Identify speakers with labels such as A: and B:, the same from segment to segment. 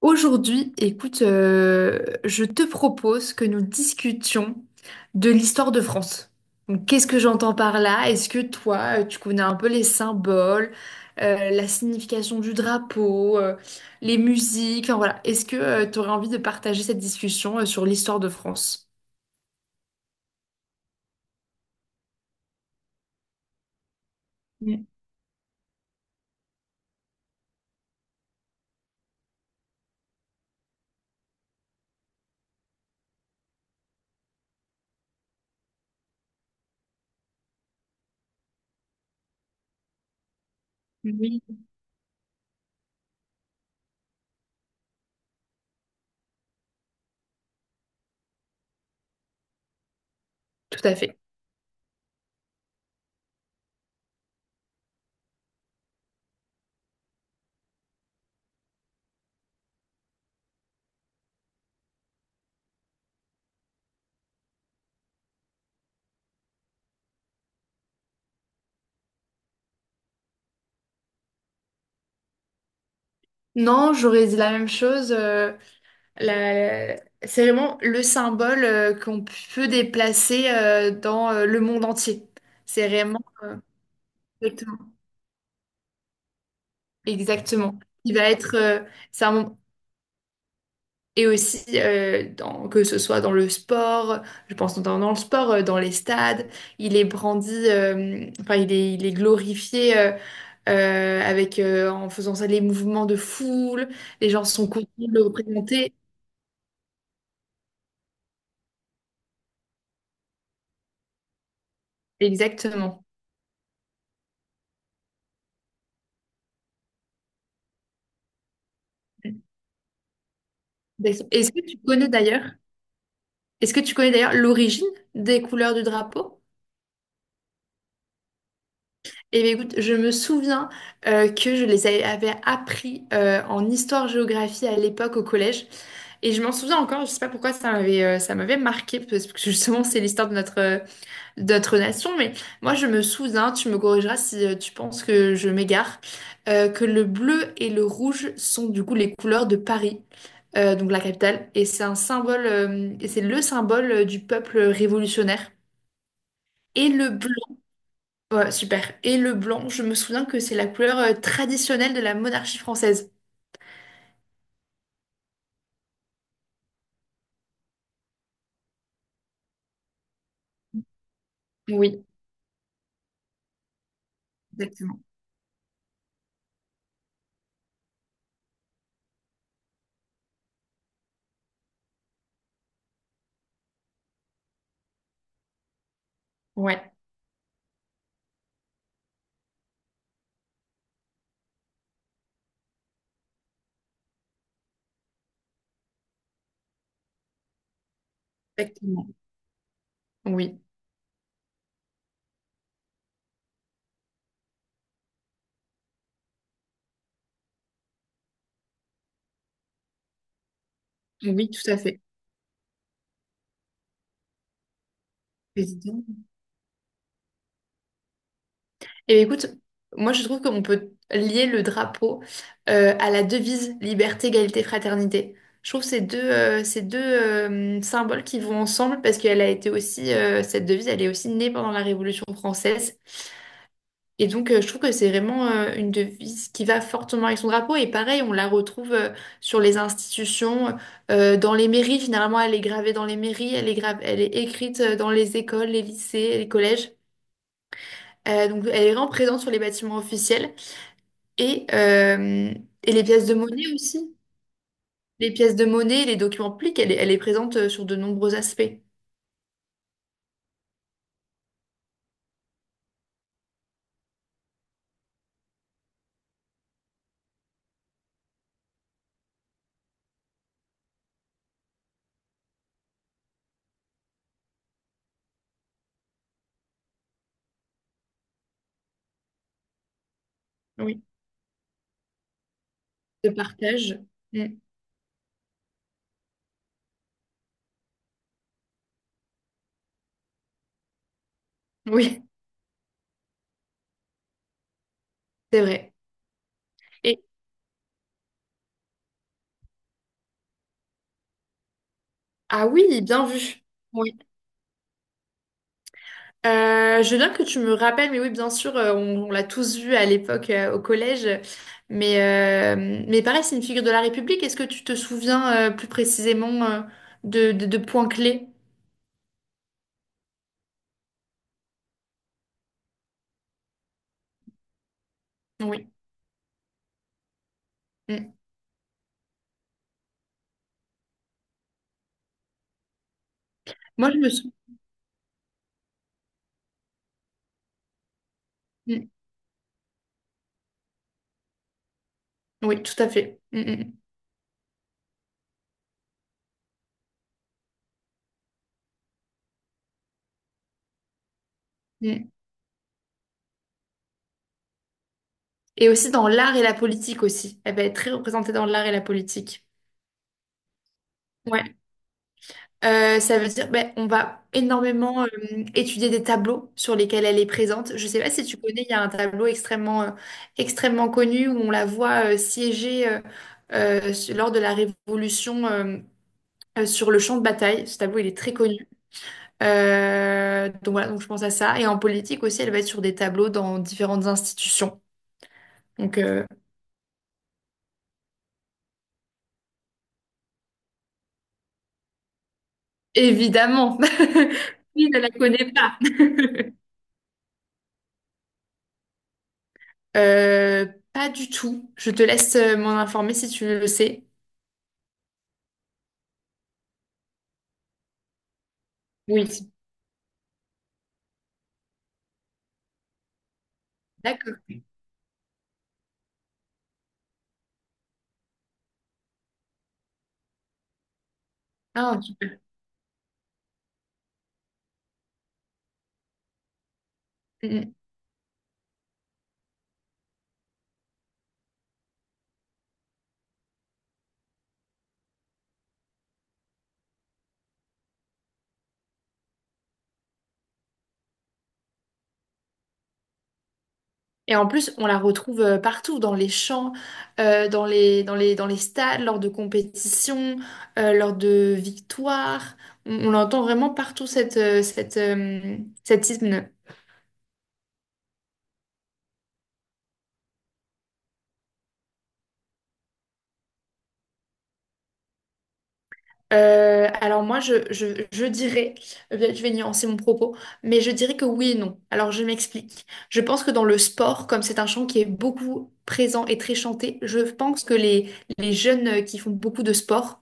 A: Aujourd'hui, écoute, je te propose que nous discutions de l'histoire de France. Donc, qu'est-ce que j'entends par là? Est-ce que toi, tu connais un peu les symboles, la signification du drapeau, les musiques, enfin voilà. Est-ce que tu aurais envie de partager cette discussion, sur l'histoire de France? Ouais. Oui. Tout à fait. Non, j'aurais dit la même chose. La- C'est vraiment le symbole qu'on peut déplacer dans le monde entier. C'est vraiment exactement. Exactement. Il va être c'est un mom- que ce soit dans le sport, je pense notamment dans le sport, dans les stades, il est brandi, enfin il est glorifié avec en faisant ça les mouvements de foule, les gens sont contents de le représenter. Exactement. Est-ce que tu connais d'ailleurs? Est-ce que tu connais d'ailleurs l'origine des couleurs du drapeau? Eh bien, écoute, je me souviens que je les avais appris en histoire-géographie à l'époque au collège. Et je m'en souviens encore, je sais pas pourquoi ça m'avait marqué, parce que justement, c'est l'histoire de notre, de notre nation. Mais moi, je me souviens, tu me corrigeras si tu penses que je m'égare, que le bleu et le rouge sont du coup les couleurs de Paris, donc la capitale. Et c'est le symbole du peuple révolutionnaire. Et le bleu. Ouais, super. Et le blanc, je me souviens que c'est la couleur traditionnelle de la monarchie française. Oui, exactement. Ouais, exactement. Oui, oui, tout à fait. Président. Et bien, écoute, moi je trouve qu'on peut lier le drapeau à la devise liberté, égalité, fraternité. Je trouve ces deux symboles qui vont ensemble parce qu'elle a été aussi, cette devise, elle est aussi née pendant la Révolution française. Et donc, je trouve que c'est vraiment une devise qui va fortement avec son drapeau. Et pareil, on la retrouve sur les institutions, dans les mairies. Finalement, elle est gravée dans les mairies, elle est écrite dans les écoles, les lycées, les collèges. Donc, elle est vraiment présente sur les bâtiments officiels. Et, euh, et les pièces de monnaie aussi. Les pièces de monnaie, les documents publics, elle est présente sur de nombreux aspects. Oui. De partage. Mm. Oui, c'est vrai. Et, ah oui, bien vu. Je veux bien que tu me rappelles, mais oui, bien sûr, on l'a tous vu à l'époque au collège. Mais pareil, c'est une figure de la République. Est-ce que tu te souviens plus précisément de points clés? Oui. Mm. Moi, je me souviens. Oui, tout à fait. Mm, mm, mm. Et aussi dans l'art et la politique aussi. Elle va être très représentée dans l'art et la politique. Ouais. Ça veut dire, ben, on va énormément étudier des tableaux sur lesquels elle est présente. Je sais pas si tu connais, il y a un tableau extrêmement connu où on la voit siéger lors de la Révolution sur le champ de bataille. Ce tableau, il est très connu. Donc voilà, donc je pense à ça. Et en politique aussi, elle va être sur des tableaux dans différentes institutions. Donc évidemment, qui ne la connaît pas? Euh, Pas du tout. Je te laisse m'en informer si tu le sais. Oui. D'accord. Ah, super. Mm. Mm. Et en plus, on la retrouve partout, dans les champs, dans les stades, lors de compétitions, lors de victoires. On l'entend vraiment partout, cet hymne. Alors moi, je dirais, je vais nuancer mon propos, mais je dirais que oui et non. Alors je m'explique. Je pense que dans le sport, comme c'est un chant qui est beaucoup présent et très chanté, je pense que les jeunes qui font beaucoup de sport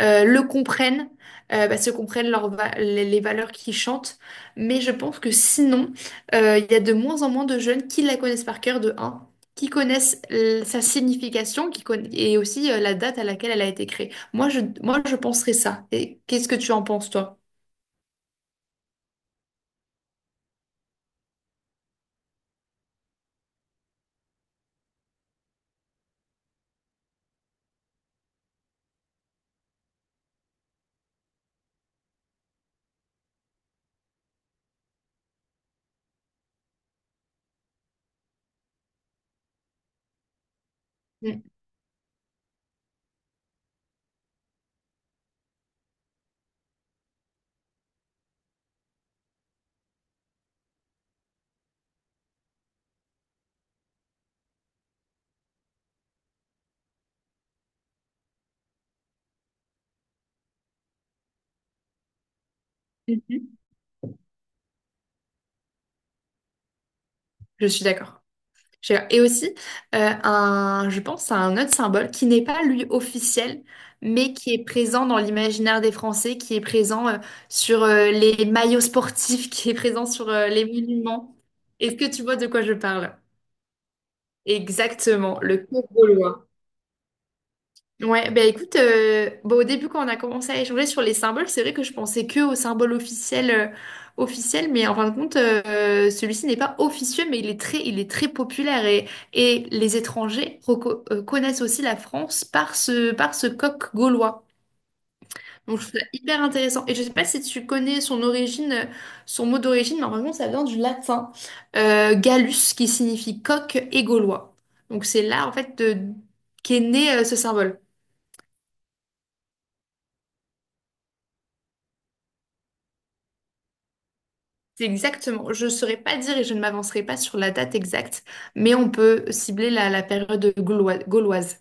A: le comprennent, parce que comprennent les valeurs qu'ils chantent. Mais je pense que sinon, il y a de moins en moins de jeunes qui la connaissent par cœur de 1, qui connaissent sa signification, et aussi la date à laquelle elle a été créée. Moi, je penserais ça. Et qu'est-ce que tu en penses, toi? Mm. Mhm. Je suis d'accord. Et aussi, je pense à un autre symbole qui n'est pas lui officiel, mais qui est présent dans l'imaginaire des Français, qui est présent sur les maillots sportifs, qui est présent sur les monuments. Est-ce que tu vois de quoi je parle? Exactement, le queue gaulois. Ouais, bah écoute, bah, au début quand on a commencé à échanger sur les symboles, c'est vrai que je pensais que aux symboles officiels, officiels, mais en fin de compte, celui-ci n'est pas officieux, mais il est très populaire et les étrangers connaissent aussi la France par ce coq gaulois. Donc je trouve ça hyper intéressant. Et je sais pas si tu connais son origine, son mot d'origine, mais en fin de compte, ça vient du latin gallus, qui signifie coq et gaulois. Donc c'est là en fait qu'est né ce symbole. C'est exactement. Je ne saurais pas dire et je ne m'avancerai pas sur la date exacte, mais on peut cibler la période gauloise. Gauloise.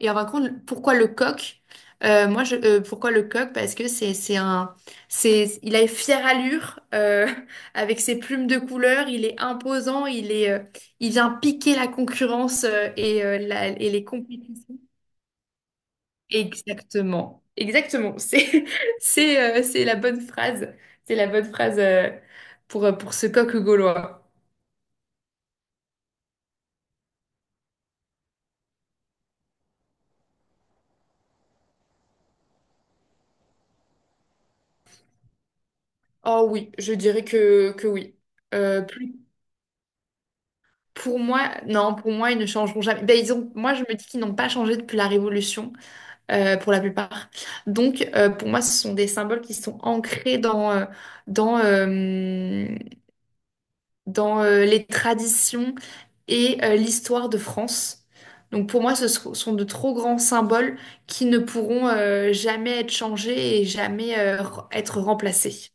A: Et en fin de compte, pourquoi le coq? Pourquoi le coq? Parce que il a une fière allure avec ses plumes de couleur. Il est imposant. Il vient piquer la concurrence et les compétitions. Exactement. Exactement. C'est la bonne phrase. C'est la bonne phrase pour ce coq gaulois. Oh oui, je dirais que oui. Euh, plus, pour moi, non, pour moi, ils ne changeront jamais. Ben, moi, je me dis qu'ils n'ont pas changé depuis la Révolution, pour la plupart. Donc, pour moi, ce sont des symboles qui sont ancrés dans, euh, dans les traditions et l'histoire de France. Donc, pour moi, ce sont de trop grands symboles qui ne pourront jamais être changés et jamais être remplacés.